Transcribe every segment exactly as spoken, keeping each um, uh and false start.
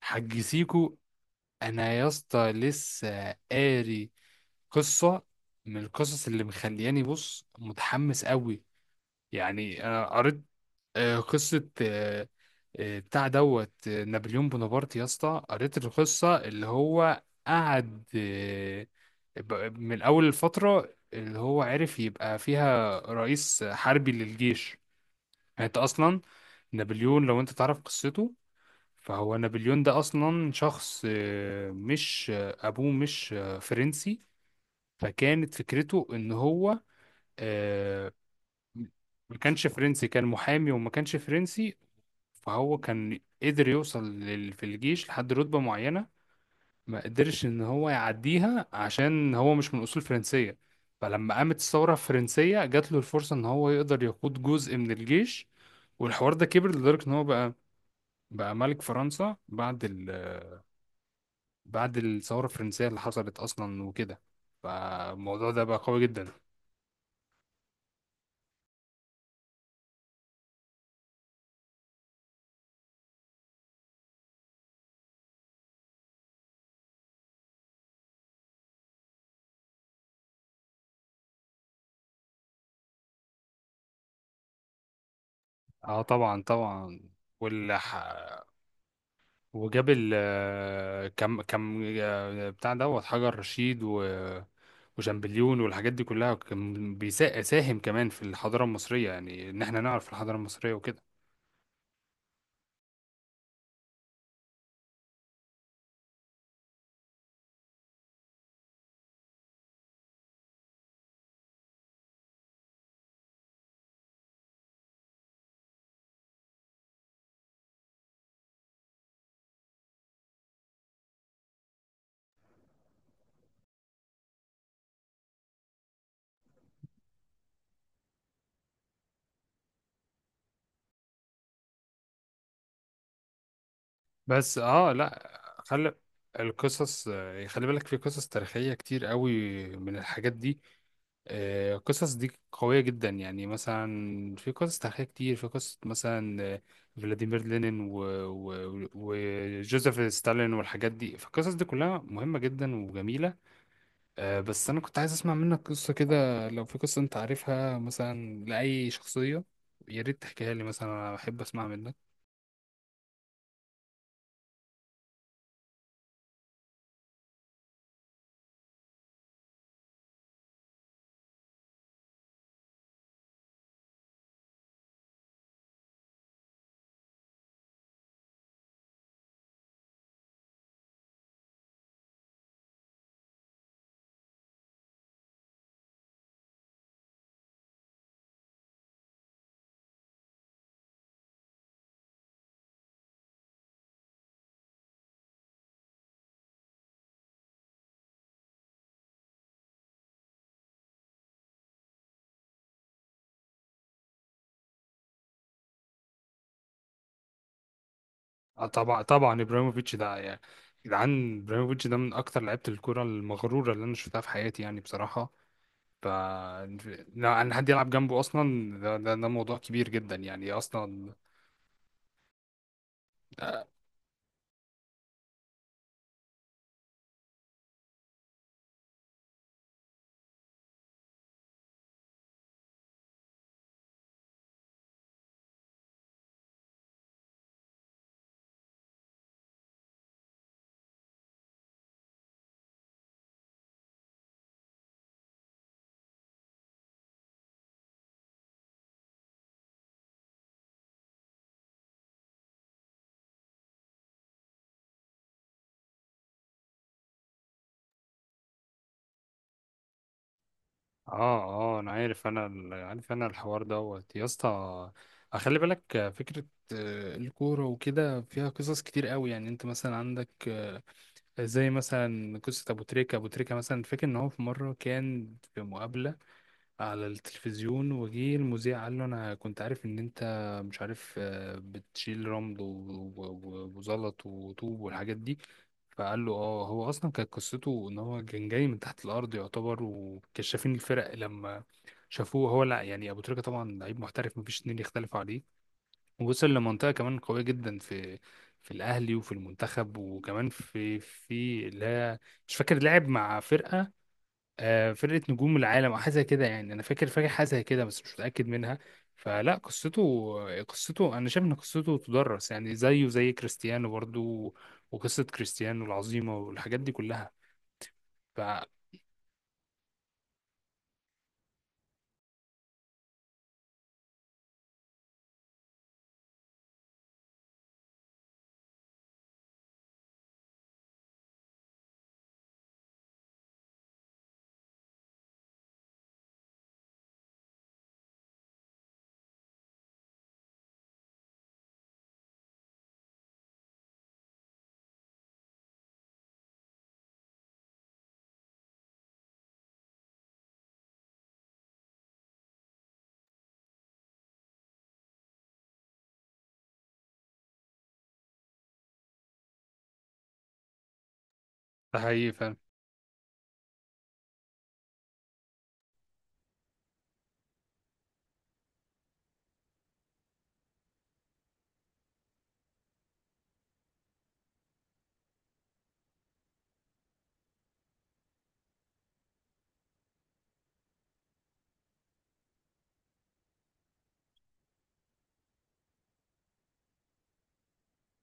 حج سيكو. انا يا اسطى لسه قاري قصة من القصص اللي مخلياني بص متحمس قوي. يعني انا قريت آه، قصة آه، آه، بتاع دوت آه، نابليون بونابرت يا اسطى، قريت القصة اللي هو قعد آه، ب- من اول الفترة اللي هو عرف يبقى فيها رئيس حربي للجيش. يعني انت اصلا نابليون، لو انت تعرف قصته، فهو نابليون ده اصلا شخص آه، مش آه، ابوه مش آه، فرنسي. فكانت فكرته ان هو آه، ما كانش فرنسي، كان محامي وما كانش فرنسي. فهو كان قدر يوصل لل- في الجيش لحد رتبة معينة، ما قدرش ان هو يعديها عشان هو مش من اصول فرنسية. فلما قامت الثورة الفرنسية جات له الفرصة ان هو يقدر يقود جزء من الجيش، والحوار ده كبر لدرجة ان هو بقى بقى ملك فرنسا بعد بعد الثورة الفرنسية اللي حصلت أصلا وكده. فالموضوع ده بقى قوي جدا. اه طبعا طبعا. واللي ح- وجاب ال كم كم آه، بتاع دوت حجر رشيد و وشامبليون والحاجات دي كلها كان بيساهم كمان في الحضارة المصرية، يعني إن احنا نعرف الحضارة المصرية وكده. بس اه، لا، خلي القصص آه، خلي بالك، في قصص تاريخية كتير قوي من الحاجات دي. آه، القصص دي قوية جدا، يعني مثلا في قصص تاريخية كتير، في قصة مثلا آه، فلاديمير لينين و- و- و- وجوزيف ستالين والحاجات دي، فالقصص دي كلها مهمة جدا وجميلة. آه، بس أنا كنت عايز أسمع منك قصة كده، لو في قصة أنت عارفها مثلا لأي شخصية يا ريت تحكيها لي، مثلا أنا بحب أسمع منك. آه طبعا طبعا، ابراهيموفيتش ده يعني جدعان، ابراهيموفيتش ده من اكتر لعيبه الكوره المغروره اللي انا شفتها في حياتي يعني بصراحه. ف لا، ان حد يلعب جنبه اصلا، ده, ده, ده موضوع كبير جدا يعني اصلا. اه اه، انا عارف انا ال- عارف انا الحوار دوت يا اسطى، خلي بالك آه، فكره آه، الكوره وكده فيها قصص كتير قوي. يعني انت مثلا عندك آه، زي مثلا قصه ابو تريكه، ابو تريكه مثلا فاكر ان هو في مره كان في مقابله على التلفزيون، وجه المذيع قال له انا كنت عارف ان انت مش عارف آه، بتشيل رمل و- و- وزلط وطوب والحاجات دي. فقال له اه، هو اصلا كانت قصته ان هو كان جاي من تحت الارض يعتبر، وكشافين الفرق لما شافوه، هو لا يعني ابو تريكة طبعا لعيب محترف مفيش اتنين يختلفوا عليه. ووصل لمنطقة كمان قوية جدا في في الاهلي وفي المنتخب وكمان في في اللي هي مش فاكر، لعب مع فرقة آه، فرقة نجوم العالم أو حاجة زي كده، يعني أنا فاكر فاكر حاجة زي كده بس مش متأكد منها. فلا، قصته قصته أنا شايف إن قصته تدرس، يعني زيه زي كريستيانو برضو، وقصة كريستيانو العظيمة والحاجات دي كلها. ف- فهي ف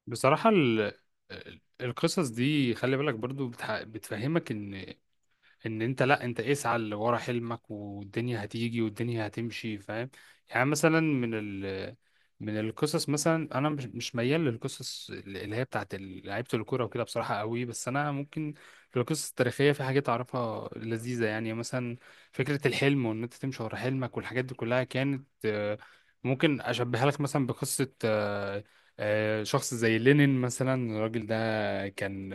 بصراحة ال... ال- القصص دي، خلي بالك برضو بتح... بتفهمك إن ان انت، لا، انت اسعى اللي ورا حلمك والدنيا هتيجي والدنيا هتمشي فاهم. يعني مثلا من ال من القصص مثلا انا مش مش ميال للقصص اللي هي بتاعت ال- لعيبه الكوره وكده بصراحه قوي، بس انا ممكن في القصص التاريخيه في حاجات اعرفها لذيذه يعني مثلا. فكره الحلم وان انت تمشي ورا حلمك والحاجات دي كلها كانت آه، ممكن اشبهها لك مثلا بقصه آه، آه، شخص زي لينين مثلا. الراجل ده كان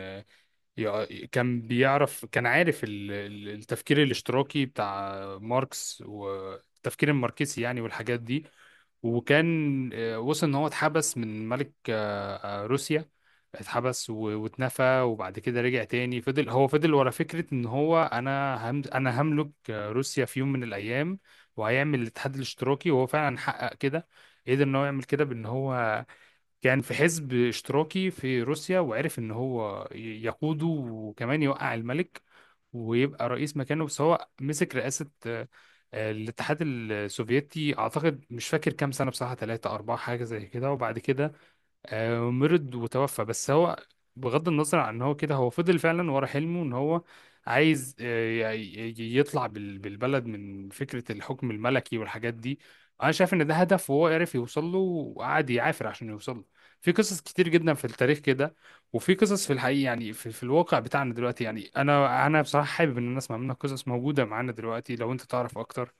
يع- كان بيعرف كان عارف ال- ال- التفكير الاشتراكي بتاع ماركس والتفكير الماركسي يعني والحاجات دي. وكان آه، وصل ان هو اتحبس من ملك آه، آه، روسيا، اتحبس و- واتنفى، وبعد كده رجع تاني. فضل هو فضل ورا فكرة ان هو انا هم انا هملك آه، روسيا في يوم من الايام، وهيعمل الاتحاد الاشتراكي، وهو فعلا حقق كده. قدر ان هو يعمل كده بان هو كان في حزب اشتراكي في روسيا، وعرف ان هو ي- يقوده وكمان يوقع الملك ويبقى رئيس مكانه. بس هو مسك رئاسة آه، آه، الاتحاد السوفيتي، اعتقد مش فاكر كام سنة بصراحة، ثلاثة أربعة حاجة زي كده، وبعد كده آه، مرض وتوفى. بس هو، بغض النظر عن ان هو كده، هو فضل فعلا ورا حلمه ان هو عايز آه، ي- ي- يطلع بال- بالبلد من فكرة الحكم الملكي والحاجات دي. انا شايف ان ده هدف، وهو عرف يوصل له وقعد يعافر عشان يوصل له. في قصص كتير جدا في التاريخ كده، وفي قصص في الحقيقة يعني في, في الواقع بتاعنا دلوقتي. يعني انا انا بصراحة حابب ان الناس اسمع منها قصص موجودة معانا دلوقتي، لو انت تعرف اكتر.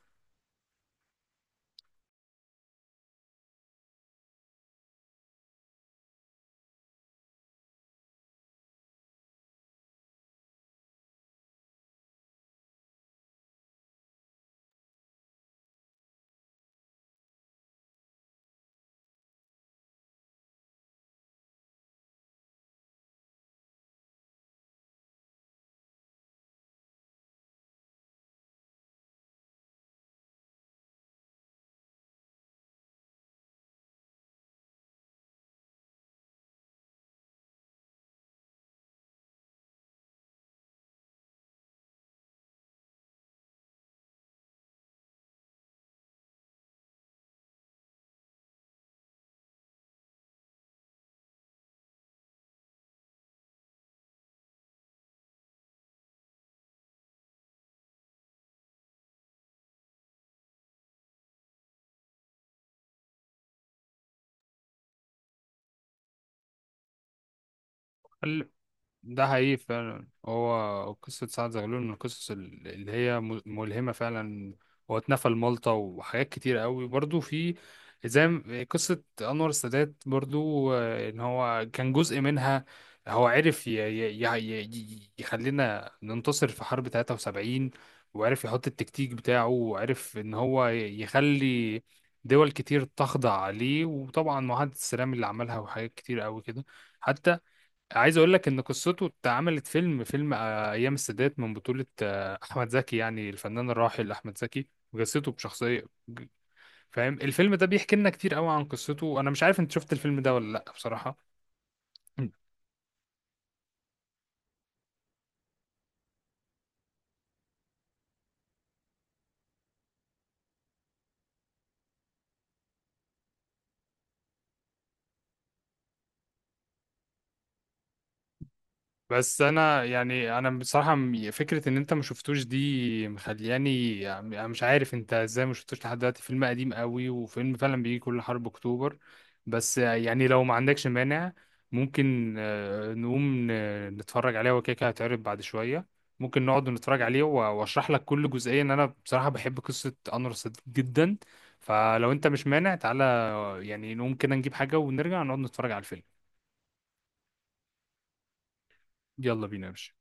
ده حقيقي فعلا، هو قصة سعد زغلول من القصص ال- اللي هي م- ملهمة فعلا. هو اتنفى لمالطا، وحاجات كتير قوي برضو في زي م- قصة أنور السادات برضو، آه، إن هو كان جزء منها. هو عرف ي- ي- ي- ي- ي- يخلينا ننتصر في حرب ثلاثة وسبعين، وعرف يحط التكتيك بتاعه، وعرف إن هو ي- يخلي دول كتير تخضع عليه، وطبعا معاهدة السلام اللي عملها وحاجات كتير قوي كده. حتى عايز اقول لك ان قصته اتعملت فيلم، فيلم آه، ايام السادات، من بطولة آه، احمد زكي، يعني الفنان الراحل احمد زكي. قصته بشخصية ج- فاهم، الفيلم ده بيحكي لنا كتير قوي عن قصته. انا مش عارف انت شفت الفيلم ده ولا لا، بصراحة. بس انا يعني انا بصراحه م- فكره ان انت ما شفتوش دي مخلياني يعني، أنا مش عارف انت ازاي ما شفتوش لحد دلوقتي، فيلم قديم قوي وفيلم فعلا بيجي كل حرب اكتوبر. بس يعني لو ما عندكش مانع، ممكن آه، نقوم ن- نتفرج عليه، هو كده كده هيتعرض بعد شويه. ممكن نقعد نتفرج عليه و- واشرح لك كل جزئيه، ان انا بصراحه بحب قصه انور السادات جدا. فلو انت مش مانع، تعالى آه، يعني نقوم كده نجيب حاجه ونرجع نقعد نتفرج على الفيلم. يلا بينا يا باشا.